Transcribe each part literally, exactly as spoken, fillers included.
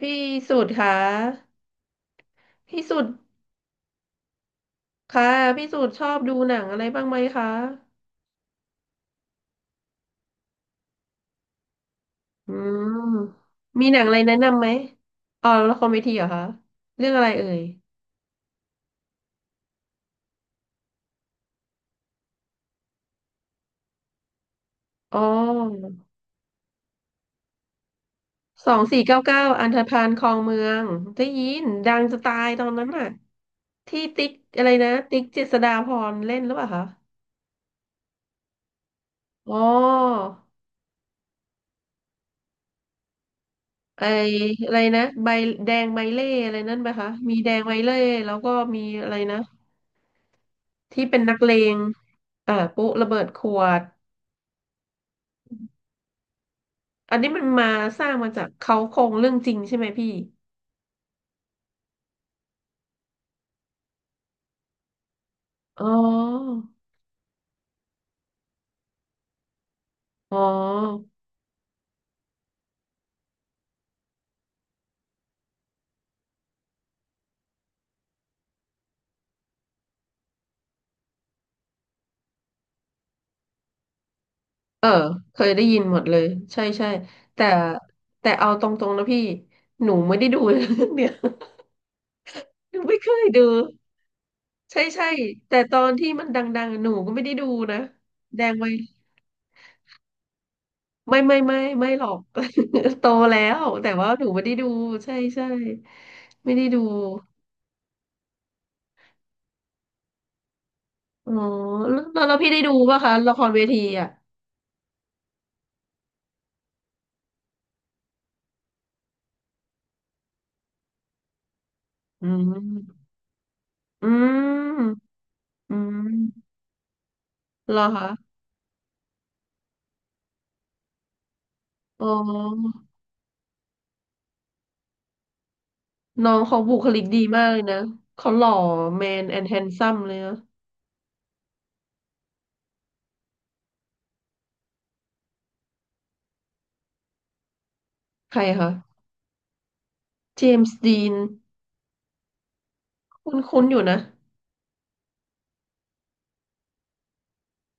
พี่สุดคะพี่สุดคะพี่สุดชอบดูหนังอะไรบ้างไหมคะอืมมีหนังอะไรแนะนำไหมอ๋อละครเวทีเหรอคะเรื่องอะไรเอ่ยอ๋อสองสี่เก้าเก้าอันธพาลคลองเมืองได้ยินดังจะตายตอนนั้นน่ะที่ติ๊กอะไรนะติ๊กเจษฎาพรเล่นหรือเปล่าคะอ๋อไออะไรนะใบแดงใบเล่อะไรนั่นไหมคะมีแดงใบเล่แล้วก็มีอะไรนะ ที่เป็นนักเลงเอ่อปุ๊ระเบิดขวด อันนี้มันมาสร้างมาจากเขาโครงเรื่องจริงใช่ไหมพี่ อ๋ออ๋อเออเคยได้ยินหมดเลย ใช่ใช่แต่แต่เอาตรงๆนะพี่หนูไม่ได้ดูเรื่องเนี่ย หนูไม่เคยดู ใช่ใช่แต่ตอนที่มันดังๆหนูก็ไม่ได้ดูนะแดงไหมไม่ไม่ไม่ไม่หรอก โตแล้วแต่ว่าหนูไม่ได้ดู ใช่ใช่ไม่ได้ดู อ๋อแล้วแล้วแล้วพี่ได้ดูป่ะคะละครเวทีอ่ะ อืม อืม อืมเหรอคะอ๋อน้องเขาบุคลิกดีมากเลยนะ เขาหล่อแมนแอนด์แฮนซัมเลยนะ ใครคะ เจมส์ดีน คุ้นๆอยู่นะ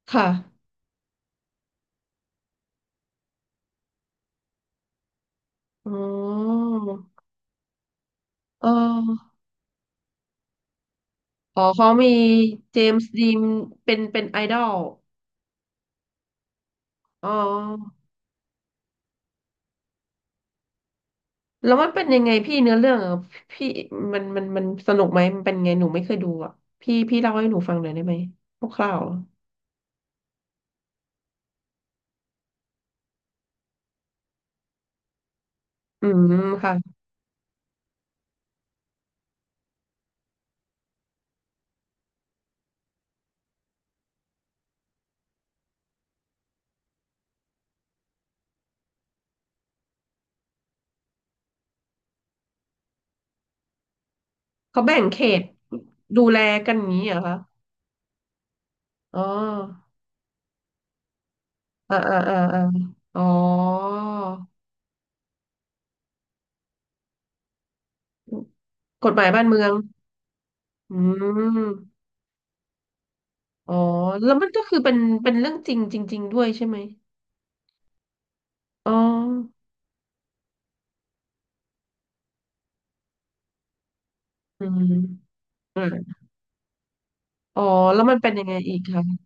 ค่ะอ๋อเอออ๋อเขามีเจมส์ดีนเป็นเป็นไอดอลอ๋อ แล้วมันเป็นยังไงพี่เนื้อเรื่องอ่ะพี่มันมันมันสนุกไหมมันเป็นไงหนูไม่เคยดูอ่ะพี่พี่เล่าให้หนูฟังหน่อยได้ไหมคร่าวๆอะอืมค่ะเขาแบ่งเขตดูแลกันอย่างนี้เหรอคะอ๋ออ่าอ่าอ่าอาอ๋อกฎหมายบ้านเมืองอืมอ๋อแล้วมันก็คือเป็นเป็นเรื่องจริงจริงๆด้วยใช่ไหมอ๋ออืมอืมอ๋อแล้วมันเป็นยังไงอีกคะ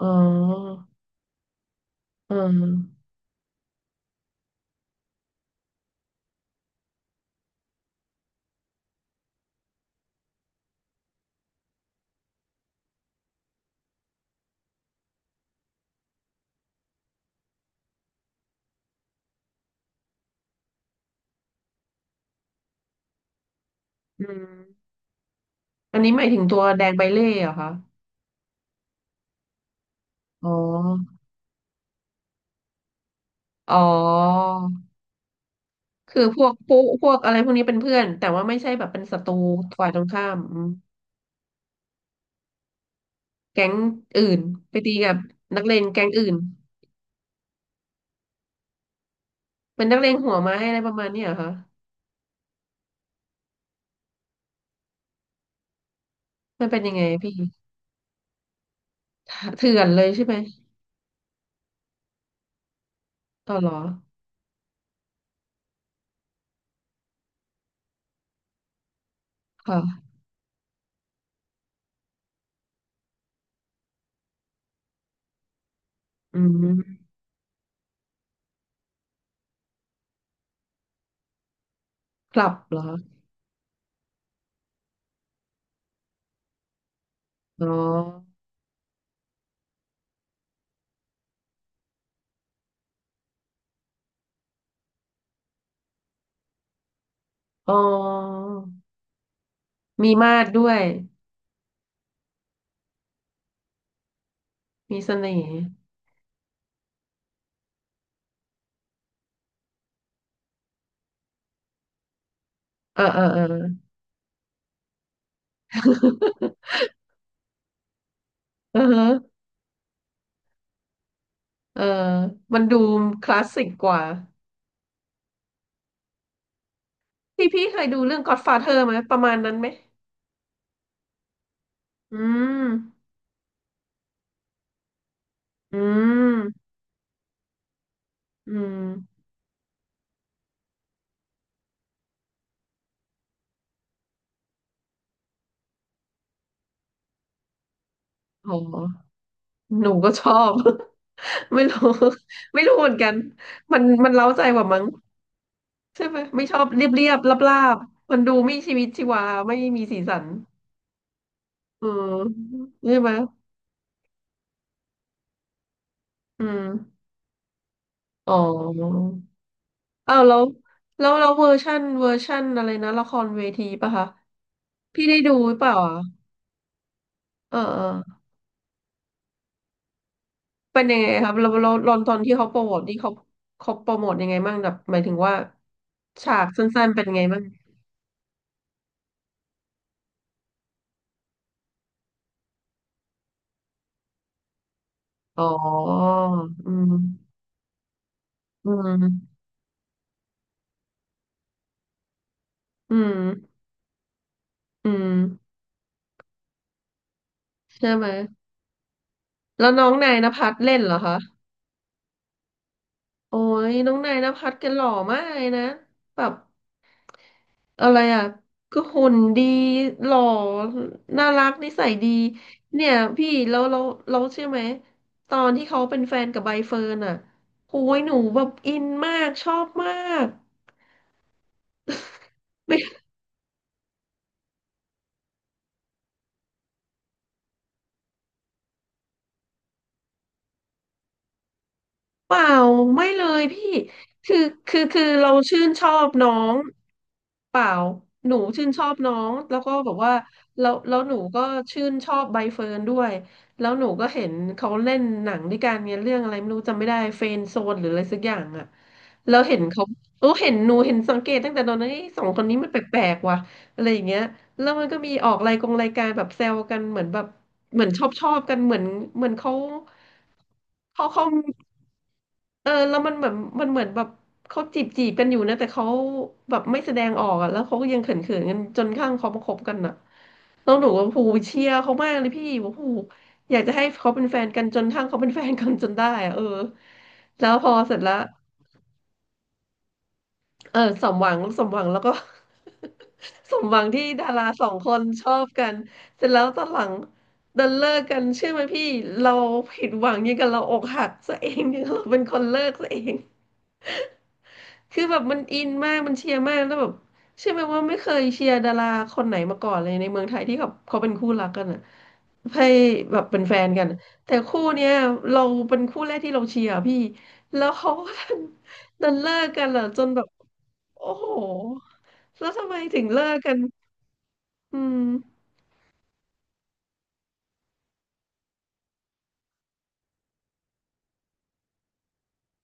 อ๋ออืมอืม อันนี้หมายถึงตัวแดงใบเล่เหรอคะอ๋ออ๋อคือพวกปุ๊พวกอะไรพวกนี้เป็นเพื่อนแต่ว่าไม่ใช่แบบเป็นศัตรูฝ่ายตรงข้ามอืมแก๊งอื่นไปตีกับนักเลงแก๊งอื่นเป็นนักเลงหัวไม้อะไรประมาณเนี้ยเหรอคะมันเป็นยังไงพี่เถื่อนเลยใช่ไหมต่ออเหรอค่ะอืมกลับเหรออ๋ออ๋อมีมาดด้วย มีเสน่ห์เออเออเออ อือฮะ เออมันดูคลาสสิกกว่าพี่พี่เคยดูเรื่อง ก็อดฟาเธอร์ ไหมประมาณนั้นไหมอืมอืมอืมโหหนูก็ชอบ ไม่รู้ไม่รู้เหมือนกันมันมันเร้าใจกว่ามั้งใช่ไหมไม่ชอบเรียบเรียบราบราบๆมันดูไม่ชีวิตชีวาไม่มีสีสันเออใช่ไหมอืมอ๋ออ้าวแล้วแล้วแล้วเวอร์ชันเวอร์ชันอะไรนะละครเวทีป่ะคะพี่ได้ดูหรือเปล่าอ่ะเออ เป็นยังไงครับเราเราเราตอนที่เขาโปรโมทนี่เขาเขาโปรโมทยังไงบ้างแบบหมายถึงว่าฉากสั้นๆเป็นยังไงบ้างอ๋ออืมอืมอืมอืมใช่ไหมแล้วน้องนายณภัทรเล่นเหรอคะโอ้ยน้องนายณภัทรแกหล่อมากเลยนะแบบ อะไรอ่ะก็หุ่นดีหล่อน่ารักนิสัยดีเนี่ยพี่แล้วเราเราเชื่อไหมตอนที่เขาเป็นแฟนกับใบเฟิร์นอ่ะโอ้ยหนูแบบอินมากชอบมาก เปล่าไม่เลยพี่คือคือคือเราชื่นชอบน้องเปล่าหนูชื่นชอบน้องแล้วก็บอกว่าแล้วแล้วหนูก็ชื่นชอบใบเฟิร์นด้วยแล้วหนูก็เห็นเขาเล่นหนังด้วยกันเนี่ยเรื่องอะไรไม่รู้จำไม่ได้เฟรนด์โซนหรืออะไรสักอย่างอะแล้วเห็นเขาโอ้เห็นหนูเห็นสังเกตตั้งแต่ตอนนั้นเอ้ยสองคนนี้มันแปลกๆว่ะอะไรอย่างเงี้ยแล้วมันก็มีออกรายกงรายการแบบแซวกันเหมือนแบบเหมือนชอบชอบกันเหมือนเหมือนเขาเขาเขา เออแล้วมันเหมือนมันเหมือนแบบเขาจีบจีบกันอยู่นะแต่เขาแบบไม่แสดงออกอะแล้วเขาก็ยังเขินเขินกันจนข้างเขามาคบกันอะแล้วหนูว่าผูเชียร์เขามากเลยพี่ว่าผูอยากจะให้เขาเป็นแฟนกันจนทั้งเขาเป็นแฟนกันจนได้อะเออแล้วพอเสร็จแล้วเออสมหวังสมหวังแล้วก็ สมหวังที่ดาราสองคนชอบกันเสร็จแล้วตอนหลังดันเลิกกันเชื่อไหมพี่เราผิดหวังยิ่งกันเราอกหักซะเองเนี่ยเราเป็นคนเลิกซะเอง คือแบบมันอินมากมันเชียร์มากแล้วแบบเชื่อไหมว่าไม่เคยเชียร์ดาราคนไหนมาก่อนเลยในเมืองไทยที่เขาเขาเป็นคู่รักกันอ่ะให้แบบเป็นแฟนกันแต่คู่เนี้ยเราเป็นคู่แรกที่เราเชียร์พี่แล้วเขาก็ดันเลิกกันเหรอจนแบบโอ้โหแล้วทำไมถึงเลิกกันอืม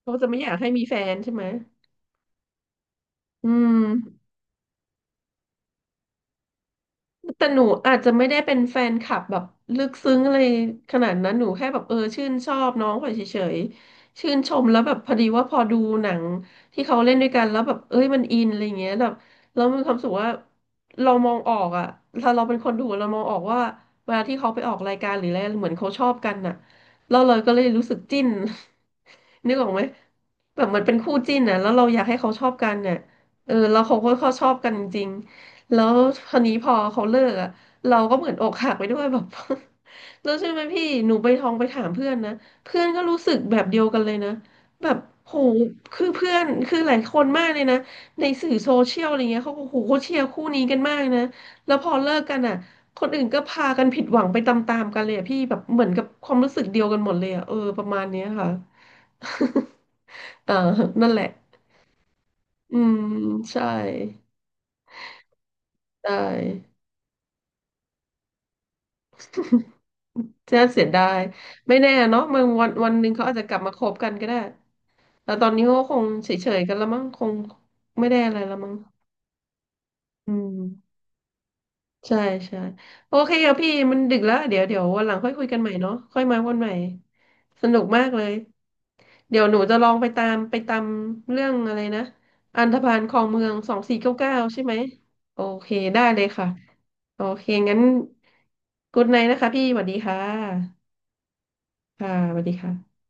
เขาจะไม่อยากให้มีแฟนใช่ไหมอืม แต่หนูอาจจะไม่ได้เป็นแฟนคลับแบบลึกซึ้งอะไรขนาดนั้นหนูแค่แบบเออชื่นชอบน้องเขาเฉยๆชื่นชมแล้วแบบพอดีว่าพอดูหนังที่เขาเล่นด้วยกันแล้วแบบเอ้ยมันอินอะไรเงี้ยแบบแล้วมีความรู้สุขว่าเรามองออกอะถ้าเราเป็นคนดูเรามองออกว่าเวลาที่เขาไปออกรายการหรืออะไรเหมือนเขาชอบกันน่ะแล้วเราเลยก็เลยรู้สึกจิ้น นึกออกไหมแบบมันเป็นคู่จิ้นน่ะแล้วเราอยากให้เขาชอบกันเนี่ยเออแล้วเขาก็เขาชอบกันจริง แล้วคราวนี้พอเขาเลิกอ่ะเราก็เหมือนอกหักไปด้วยแบบ แล้วใช่ไหมพี่หนูไปทองไปถามเพื่อนนะเพื่อนก็รู้สึกแบบเดียวกันเลยนะแบบโหคือเพื่อนคือหลายคนมากเลยนะในสื่อโซเชียลอะไรเงี้ยเขาก็โหเขาเชียร์คู่นี้กันมากนะแล้วพอเลิกกันอ่ะคนอื่นก็พากันผิดหวังไปตามๆกันเลยอะพี่แบบเหมือนกับความรู้สึกเดียวกันหมดเลยอ่ะเออประมาณเนี้ยค่ะ เออนั่นแหละอืมใช่ใช่ น่าเสียดายไม่แน่เนาะมันวันวันหนึ่งเขาอาจจะกลับมาคบกันก็ได้แต่ตอนนี้เขาก็คงเฉยๆกันแล้วมั้งคงไม่ได้อะไรแล้วมั้งอืมใช่ใช่โอเคครับพี่มันดึกแล้วเดี๋ยวเดี๋ยววันหลังค่อยคุยกันใหม่เนาะค่อยมาวันใหม่สนุกมากเลยเดี๋ยวหนูจะลองไปตามไปตามเรื่องอะไรนะอันธพาลคลองเมืองสองสี่เก้าเก้าใช่ไหมโอเคได้เลยค่ะโอเคงั้น g ุ d ไน h t นะคะพี่สวัสดีค่ะค่ะสวัสดีค่ะ